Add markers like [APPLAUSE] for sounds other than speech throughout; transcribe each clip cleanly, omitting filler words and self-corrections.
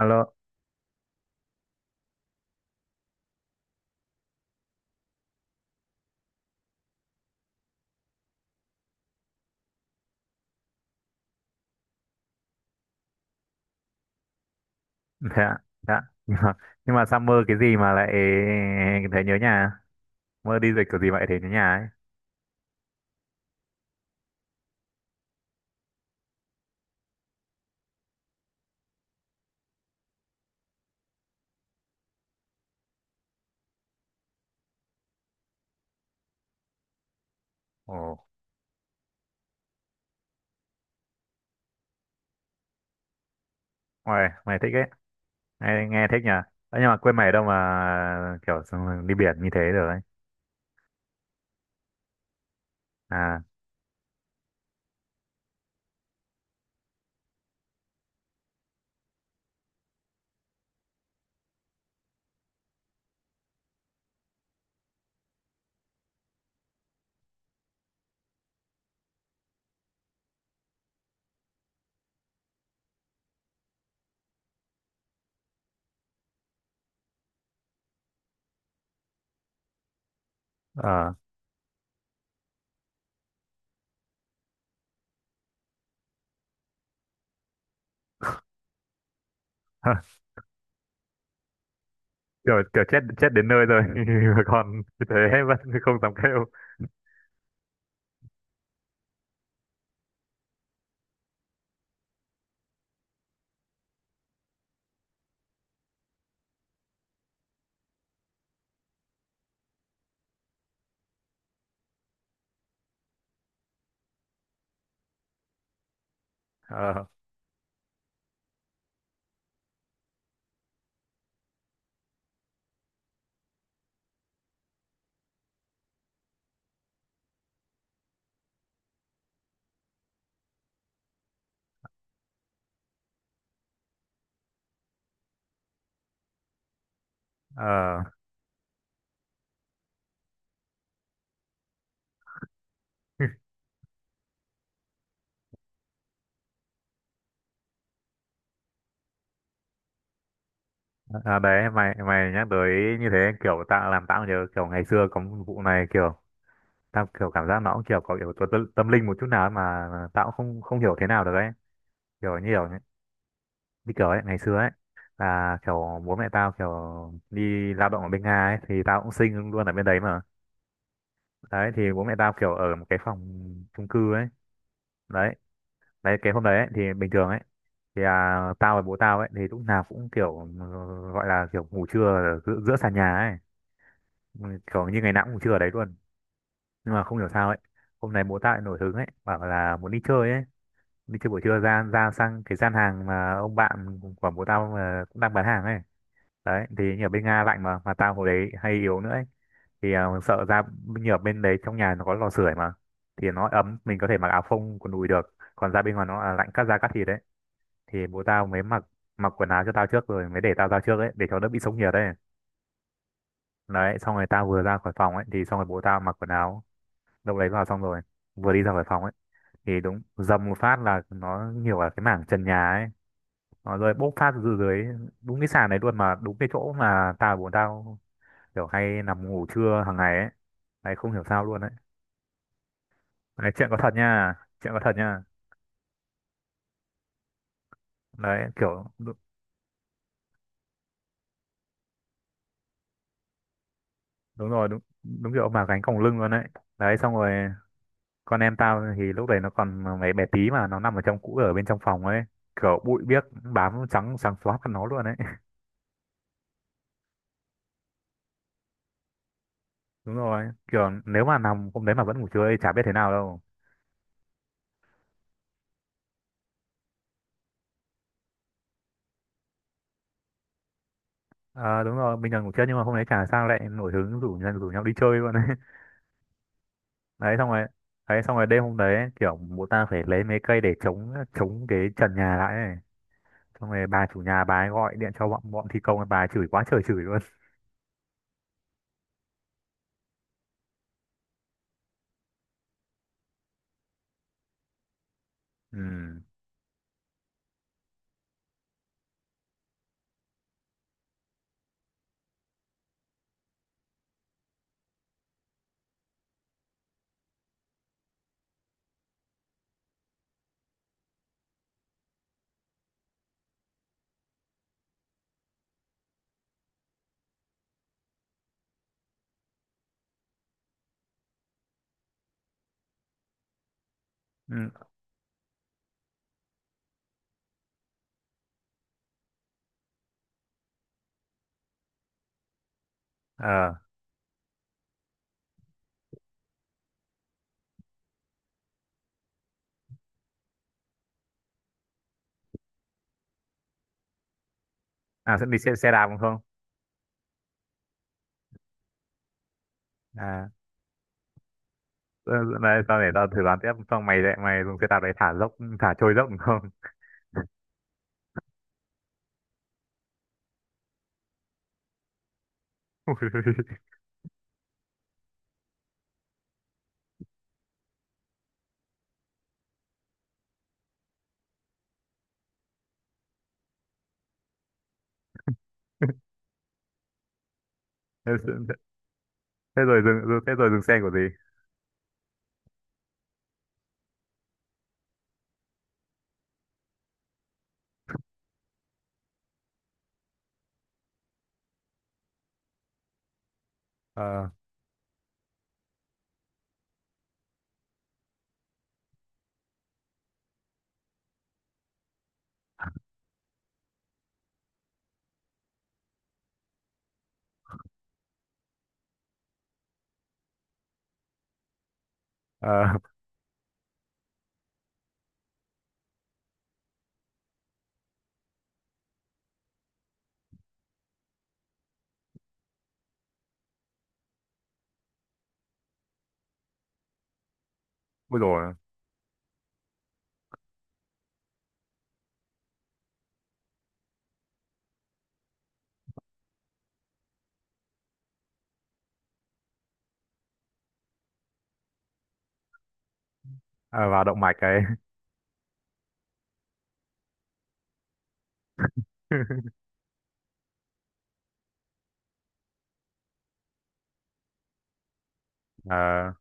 Alo, dạ, dạ. Nhưng mà, nhưng mà Summer cái gì mà lại thấy nhớ nhà? Mơ đi dịch kiểu gì vậy thấy nhớ nhà ấy. Ồ, mày thích ấy. Nghe thích nhỉ? Đấy, nhưng mà quê mày ở đâu mà kiểu xong đi biển như thế rồi ấy. À, ờ. [LAUGHS] Kiểu chết chết đến nơi rồi, [LAUGHS] mà còn như thế vẫn không dám kêu. Ờ, ờ. [LAUGHS] À, đấy mày mày nhắc tới như thế kiểu tao làm tao nhớ kiểu ngày xưa có một vụ này. Kiểu tao kiểu cảm giác nó cũng kiểu có yếu tố tâm linh một chút nào ấy, mà tao cũng không không hiểu thế nào được ấy. Kiểu như kiểu ấy ngày xưa ấy là kiểu bố mẹ tao kiểu đi lao động ở bên Nga ấy, thì tao cũng sinh luôn ở bên đấy mà. Đấy thì bố mẹ tao kiểu ở một cái phòng chung cư ấy. Đấy đấy cái hôm đấy ấy, thì bình thường ấy thì tao và bố tao ấy thì lúc nào cũng kiểu gọi là kiểu ngủ trưa ở giữa sàn nhà ấy. Ừ, kiểu như ngày nào cũng ngủ trưa ở đấy luôn, nhưng mà không hiểu sao ấy hôm nay bố tao lại nổi hứng ấy bảo là muốn đi chơi ấy, đi chơi buổi trưa ra ra sang cái gian hàng mà ông bạn của bố tao mà cũng đang bán hàng ấy. Đấy thì như ở bên Nga lạnh, mà tao hồi đấy hay yếu nữa ấy. Thì sợ ra như ở bên đấy trong nhà nó có lò sưởi mà, thì nó ấm mình có thể mặc áo phông quần đùi được, còn ra bên ngoài nó là lạnh cắt da cắt thịt đấy. Thì bố tao mới mặc mặc quần áo cho tao trước rồi mới để tao ra trước ấy, để cho đỡ bị sốc nhiệt ấy. Đấy xong rồi tao vừa ra khỏi phòng ấy thì xong rồi bố tao mặc quần áo đâu đấy vào xong rồi vừa đi ra khỏi phòng ấy thì đúng dầm một phát là nó nhiều ở cái mảng trần nhà ấy. Ờ, rồi bốc phát từ dưới đúng cái sàn này luôn, mà đúng cái chỗ mà bọn tao kiểu hay nằm ngủ trưa hàng ngày ấy. Đấy không hiểu sao luôn đấy. Đấy chuyện có thật nha. Chuyện có thật nha. Đấy kiểu đúng, đúng rồi đúng. Đúng kiểu mà gánh còng lưng luôn đấy đấy xong rồi con em tao thì lúc đấy nó còn mấy bé tí mà nó nằm ở trong cũ ở bên trong phòng ấy, kiểu bụi biếc bám trắng trắng xóa mặt nó luôn đấy. [LAUGHS] Đúng rồi, kiểu nếu mà nằm hôm đấy mà vẫn ngủ trưa thì chả biết thế nào đâu. Ờ đúng rồi, bình thường ngủ trưa, nhưng mà hôm đấy chả sao lại nổi hứng rủ rủ nhau đi chơi luôn. [LAUGHS] đấy xong rồi đấy xong rồi đêm hôm đấy ấy, kiểu bố ta phải lấy mấy cây để chống chống cái trần nhà lại ấy. Xong rồi bà chủ nhà bà ấy gọi điện cho bọn bọn thi công, bà ấy chửi quá trời chửi luôn. [LAUGHS] Ừ. Ừ. Ờ. À sẽ đi xe đạp đúng không? À, ờ, đây tao để tao thử đoán tiếp, xong mày lại dùng xe đạp để thả dốc, thả trôi dốc đúng không? [LAUGHS] thế, thế rồi dừng xe của gì. ờ ờ Ui rồi, vào động mạch ấy. [LAUGHS] ờ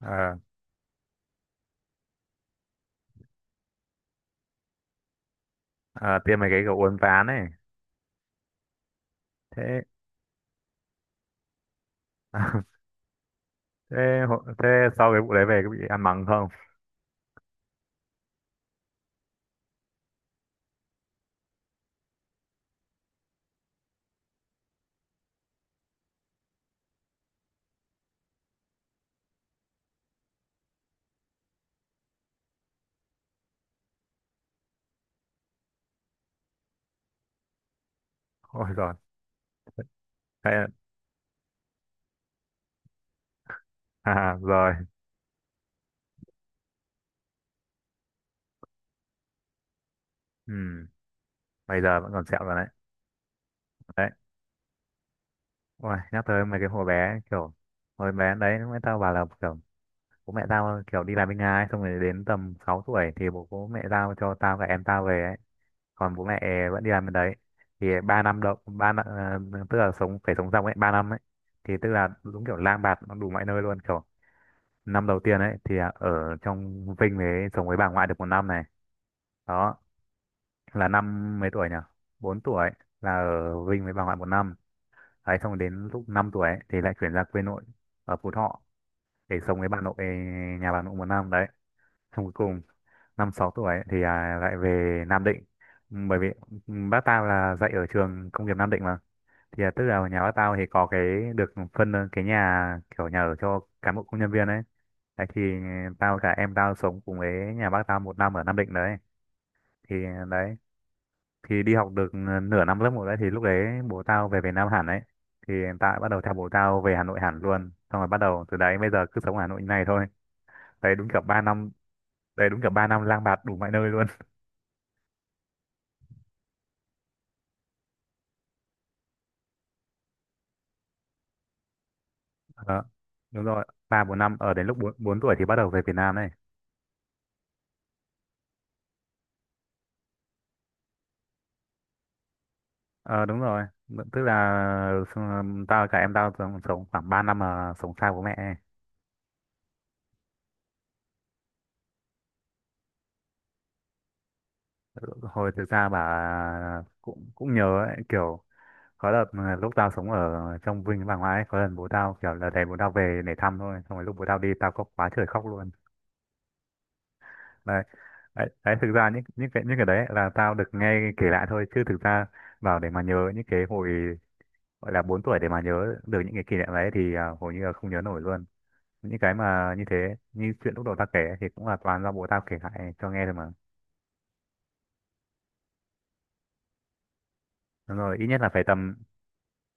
ờ ờ, Tiêm mấy cái kiểu uốn ván ấy. Thế thế hộ- thế sau cái vụ đấy về có bị ăn mắng không? [LAUGHS] Ôi rồi. Thế à, rồi ừ. Bây giờ vẫn còn sẹo rồi đấy đấy. Ôi nhắc tới mấy cái hồi bé đấy mẹ tao bảo là kiểu bố mẹ tao kiểu đi làm bên Nga ấy, xong rồi đến tầm 6 tuổi thì bố mẹ tao cho tao và em tao về ấy, còn bố mẹ vẫn đi làm bên đấy. Thì ba năm tức là sống dòng ấy 3 năm ấy. Thì tức là đúng kiểu lang bạt nó đủ mọi nơi luôn, kiểu năm đầu tiên ấy thì ở trong Vinh ấy sống với bà ngoại được một năm này. Đó là năm mấy tuổi nhỉ? 4 tuổi. Là ở Vinh với bà ngoại một năm đấy. Xong đến lúc 5 tuổi ấy, thì lại chuyển ra quê nội ở Phú Thọ để sống với bà nội, nhà bà nội một năm đấy. Xong cuối cùng năm 6 tuổi ấy, thì lại về Nam Định, bởi vì bác tao là dạy ở trường công nghiệp Nam Định mà. Thì tức là nhà bác tao thì có cái được phân cái nhà kiểu nhà ở cho cán bộ công nhân viên ấy. Đấy thì tao cả em tao sống cùng với nhà bác tao một năm ở Nam Định đấy. Thì đấy thì đi học được nửa năm lớp một đấy. Thì lúc đấy bố tao về Việt Nam hẳn đấy, thì tao bắt đầu theo bố tao về Hà Nội hẳn luôn, xong rồi bắt đầu từ đấy bây giờ cứ sống ở Hà Nội như này thôi. đấy đúng kiểu ba năm Đấy đúng kiểu ba năm lang bạt đủ mọi nơi luôn. [LAUGHS] Ờ, đúng rồi, ba bốn năm ở đến lúc bốn bốn tuổi thì bắt đầu về Việt Nam này. Ờ đúng rồi, tức là ừ, tao cả em tao sống khoảng 3 năm mà sống xa bố mẹ ấy. Hồi thực ra bà cũng cũng nhớ ấy, kiểu có đợt mà lúc tao sống ở trong Vinh với bà ngoại ấy, có lần bố tao kiểu là đè bố tao về để thăm thôi, xong rồi lúc bố tao đi tao có quá trời khóc luôn. Đấy, đấy, đấy thực ra những cái đấy là tao được nghe kể lại thôi, chứ thực ra vào để mà nhớ những cái hồi gọi là 4 tuổi để mà nhớ được những cái kỷ niệm đấy thì hầu như là không nhớ nổi luôn những cái mà như thế. Như chuyện lúc đầu tao kể ấy thì cũng là toàn do bố tao kể lại cho nghe thôi mà. đúng rồi ít nhất là phải tầm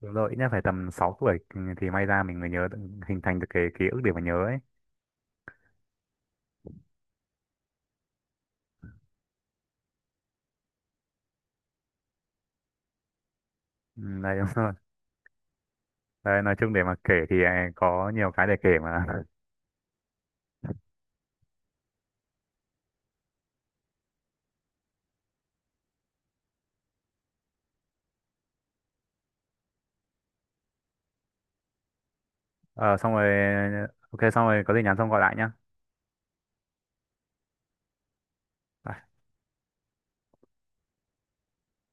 Đúng rồi ít nhất phải tầm 6 tuổi thì may ra mình mới hình thành được cái ký ức để mà nhớ ấy. Ừ, đấy đúng rồi. Đấy, nói chung để mà kể thì có nhiều cái để kể mà. Ờ, xong rồi, ok, xong rồi có gì nhắn xong gọi lại nhá.